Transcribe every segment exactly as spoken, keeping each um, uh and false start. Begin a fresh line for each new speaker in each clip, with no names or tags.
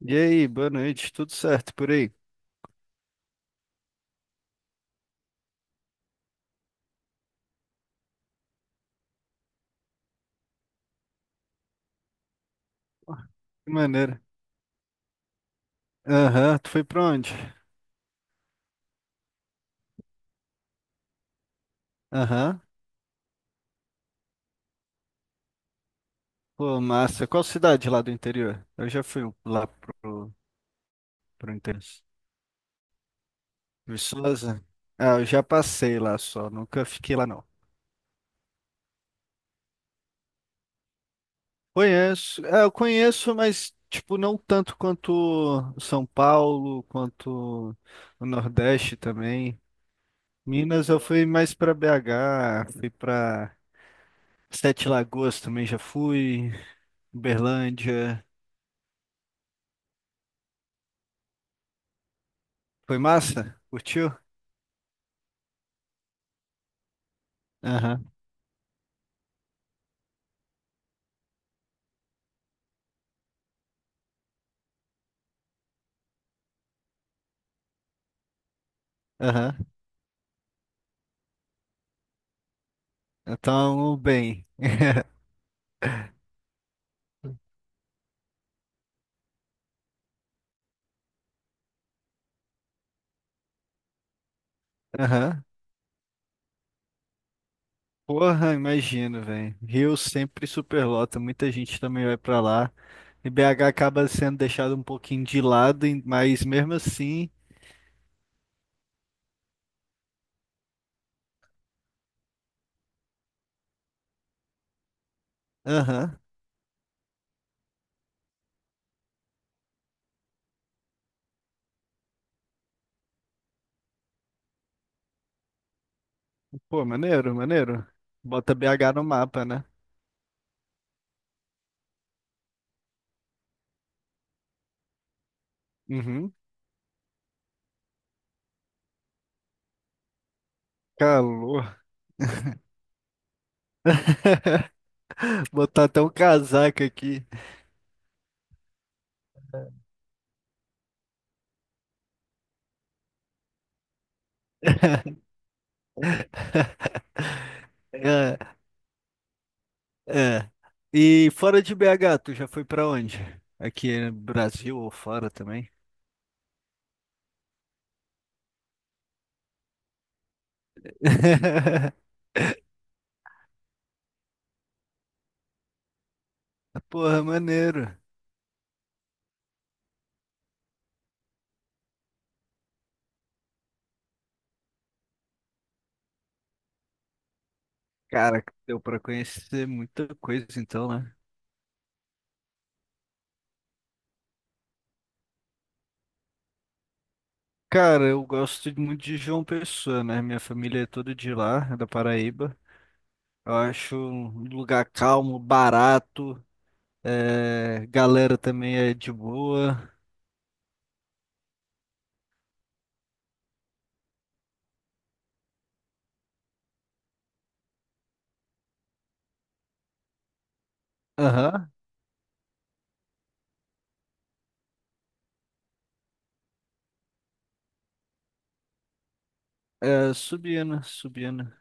E aí, boa noite, tudo certo por aí? Que maneira. Aham, tu foi pra onde? Aham. Pô, massa. Qual cidade lá do interior? Eu já fui lá pro, pro interior. Viçosa? Ah, eu já passei lá só, nunca fiquei lá não. Conheço, é, eu conheço, mas tipo, não tanto quanto São Paulo, quanto o Nordeste também. Minas eu fui mais pra B H, fui pra Sete Lagoas também já fui, Uberlândia. Foi massa? Curtiu? Aham, aham. Então, bem. Aham. Porra, imagino, velho. Rio sempre superlota, muita gente também vai pra lá. E B H acaba sendo deixado um pouquinho de lado, e- mas mesmo assim. Aham. Pô, maneiro, maneiro. Bota B H no mapa, né? Uhum. Calor. Botar até um casaco aqui. É. É. E fora de B H, tu já foi pra onde? Aqui no Brasil ou fora também? Porra, maneiro. Cara, deu pra conhecer muita coisa então, né? Cara, eu gosto muito de João Pessoa, né? Minha família é toda de lá, é da Paraíba. Eu acho um lugar calmo, barato, é, galera também é de boa. Aham. É, Subiana, Subiana.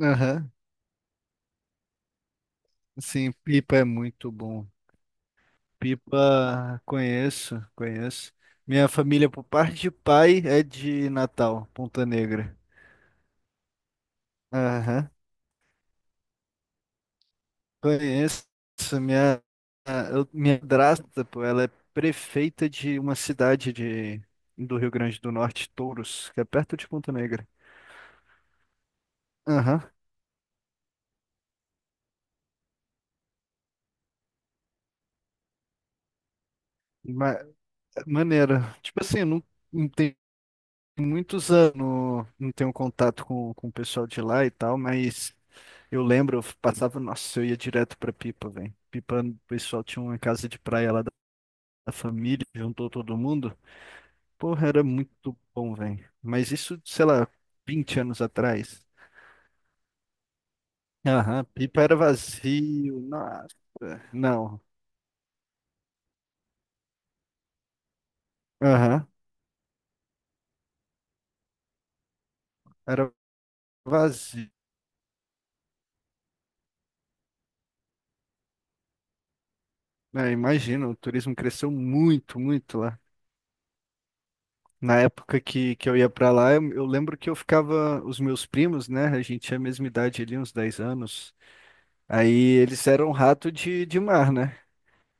Aham. Sim, Pipa é muito bom. Pipa, conheço, conheço. Minha família, por parte de pai, é de Natal, Ponta Negra. Aham. Conheço. Minha, ah, eu- minha madrasta, pô, ela é prefeita de uma cidade de, do Rio Grande do Norte, Touros, que é perto de Ponta Negra. Aham, ma- Maneiro. Tipo assim, eu não, não tenho muitos anos, não tenho contato com, com o pessoal de lá e tal, mas. Eu lembro, eu passava, nossa, eu ia direto pra Pipa, velho. Pipa, o pessoal tinha uma casa de praia lá da da família, juntou todo mundo. Porra, era muito bom, velho. Mas isso, sei lá, vinte anos atrás. Aham, Pipa era vazio, nossa. Não, aham, era vazio. É, imagino, o turismo cresceu muito, muito lá. Na época que, que eu ia pra lá, eu, eu lembro que eu ficava, os meus primos, né, a gente tinha a mesma idade ali, uns dez anos. Aí eles eram um rato de, de mar, né?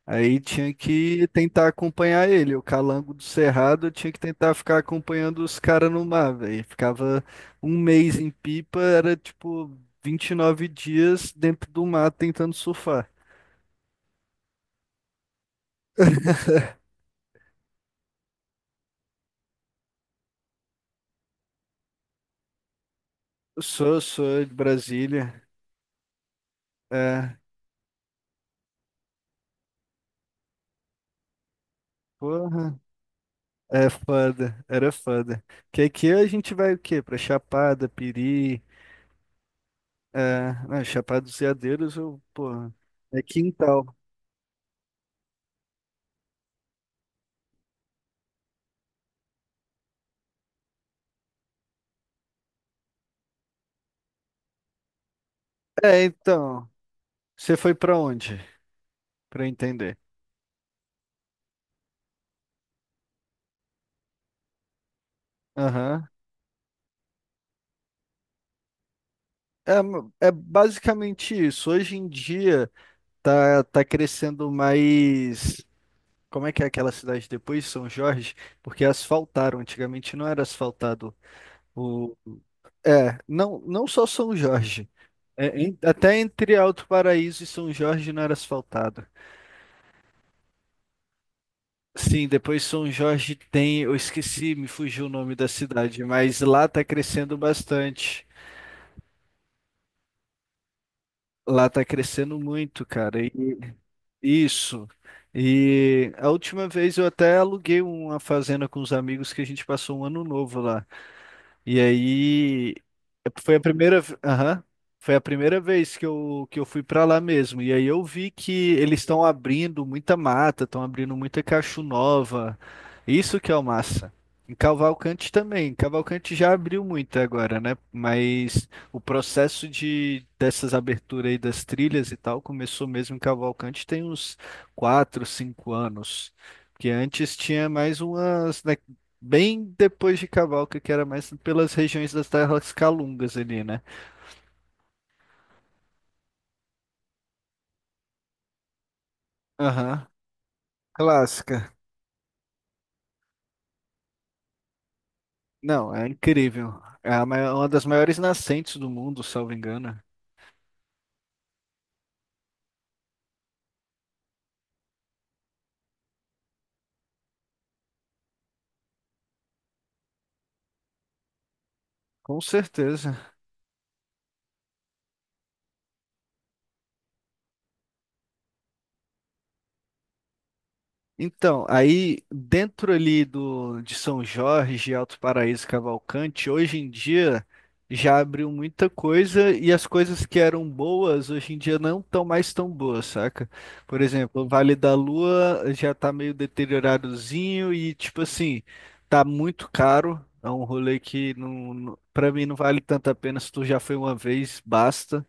Aí tinha que tentar acompanhar ele. O calango do Cerrado tinha que tentar ficar acompanhando os caras no mar, velho. Ficava um mês em Pipa, era tipo vinte e nove dias dentro do mar tentando surfar. Eu sou, sou de Brasília. É, porra, é foda, era foda. Que aqui a gente vai o quê? Pra Chapada, Piri, é, não, Chapada dos Veadeiros, eu, porra, é quintal. É, então. Você foi pra onde? Pra eu entender. Aham. É, ma- é basicamente isso. Hoje em dia tá, tá crescendo mais. Como é que é aquela cidade depois, São Jorge? Porque asfaltaram. Antigamente não era asfaltado. O... É, não, não só São Jorge. É, em- até entre Alto Paraíso e São Jorge não era asfaltado. Sim, depois São Jorge tem. Eu esqueci, me fugiu o nome da cidade, mas lá tá crescendo bastante. Lá tá crescendo muito, cara. Isso. E a última vez eu até aluguei uma fazenda com os amigos que a gente passou um ano novo lá. E aí foi a primeira, aham, foi a primeira vez que eu, que eu fui para lá mesmo. E aí eu vi que eles estão abrindo muita mata, estão abrindo muita cacho nova. Isso que é o massa. Em Cavalcante também. Cavalcante já abriu muito agora, né? Mas o processo de dessas aberturas aí das trilhas e tal começou mesmo em Cavalcante tem uns quatro, cinco anos. Porque antes tinha mais umas. Né, bem depois de Cavalca, que era mais pelas regiões das terras calungas ali, né? Aham, clássica. Não, É incrível. É a mai- uma das maiores nascentes do mundo, salvo engano. Com certeza. Então, aí dentro ali do, de São Jorge, Alto Paraíso, Cavalcante, hoje em dia já abriu muita coisa e as coisas que eram boas hoje em dia não estão mais tão boas, saca? Por exemplo, o Vale da Lua já tá meio deterioradozinho e tipo assim, tá muito caro. É um rolê que não, não, para mim não vale tanto a pena se tu já foi uma vez, basta.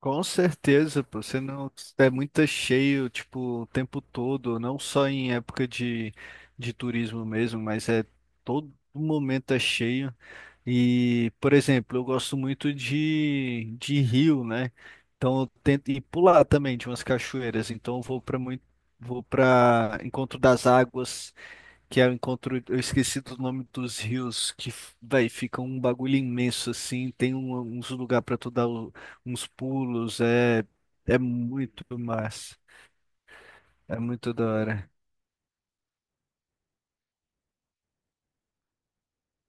Com certeza, pô, você não é muito cheio, tipo, o tempo todo, não só em época de, de turismo mesmo, mas é todo momento é cheio. E, por exemplo, eu gosto muito de, de rio, né? Então eu tento e pular também de umas cachoeiras, então eu vou para muito vou para Encontro das Águas que é o encontro, eu esqueci do nome dos rios, que, f- véi, fica um bagulho imenso, assim, tem um- uns lugar pra tu dar o- uns pulos, é, é muito massa, é muito da hora.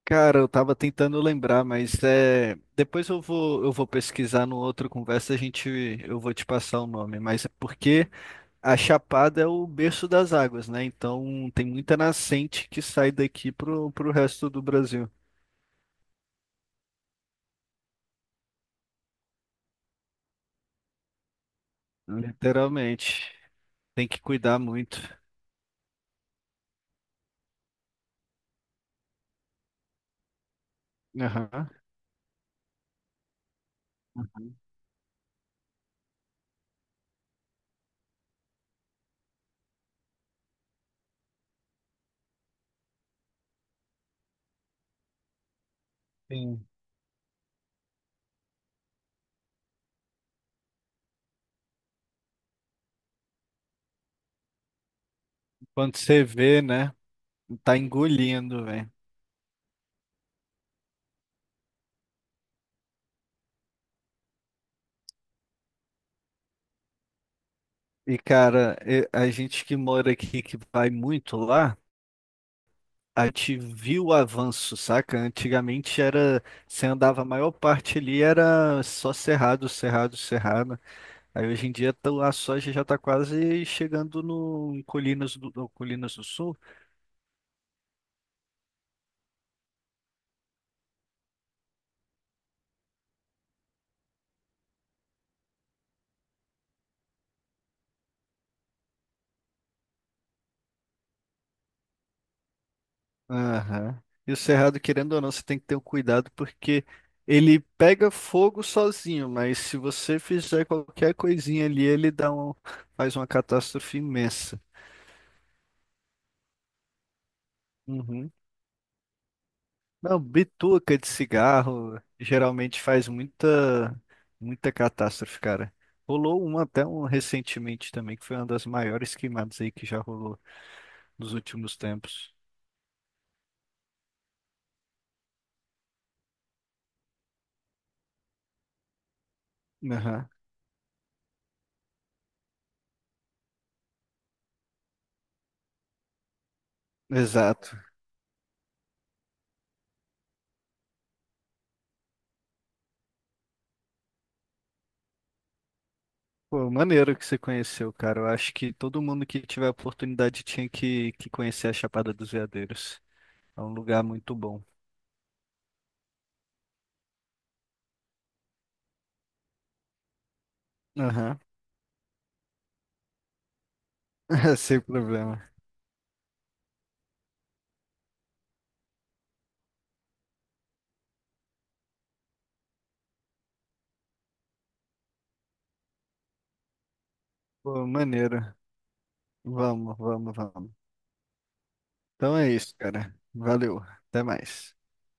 Cara, eu tava tentando lembrar, mas é, depois eu vou, eu vou pesquisar no outro conversa, a gente, eu vou te passar o nome, mas é porque a Chapada é o berço das águas, né? Então tem muita nascente que sai daqui pro, pro resto do Brasil, literalmente. Tem que cuidar muito. Aham, aham. Sim. Quando você vê, né? Tá engolindo, velho. E, cara, e- a gente que mora aqui, que vai muito lá, a gente viu o avanço, saca? Antigamente era, você andava a maior parte ali, era só cerrado, cerrado, cerrado. Aí hoje em dia tá- a soja já tá quase chegando no em Colinas do, no Colinas do Sul. Aham. E o cerrado, querendo ou não, você tem que ter um cuidado porque ele pega fogo sozinho, mas se você fizer qualquer coisinha ali, ele dá um, faz uma catástrofe imensa. Uhum. Não, bituca de cigarro geralmente faz muita, muita catástrofe, cara. Rolou uma até um recentemente também, que foi uma das maiores queimadas aí que já rolou nos últimos tempos. Aham. Exato. Pô, maneiro que você conheceu, cara. Eu acho que todo mundo que tiver a oportunidade tinha que, que conhecer a Chapada dos Veadeiros. É um lugar muito bom. Aham. Sem problema. Pô, maneiro. Vamos, vamos, vamos. Então é isso, cara. Valeu. Até mais.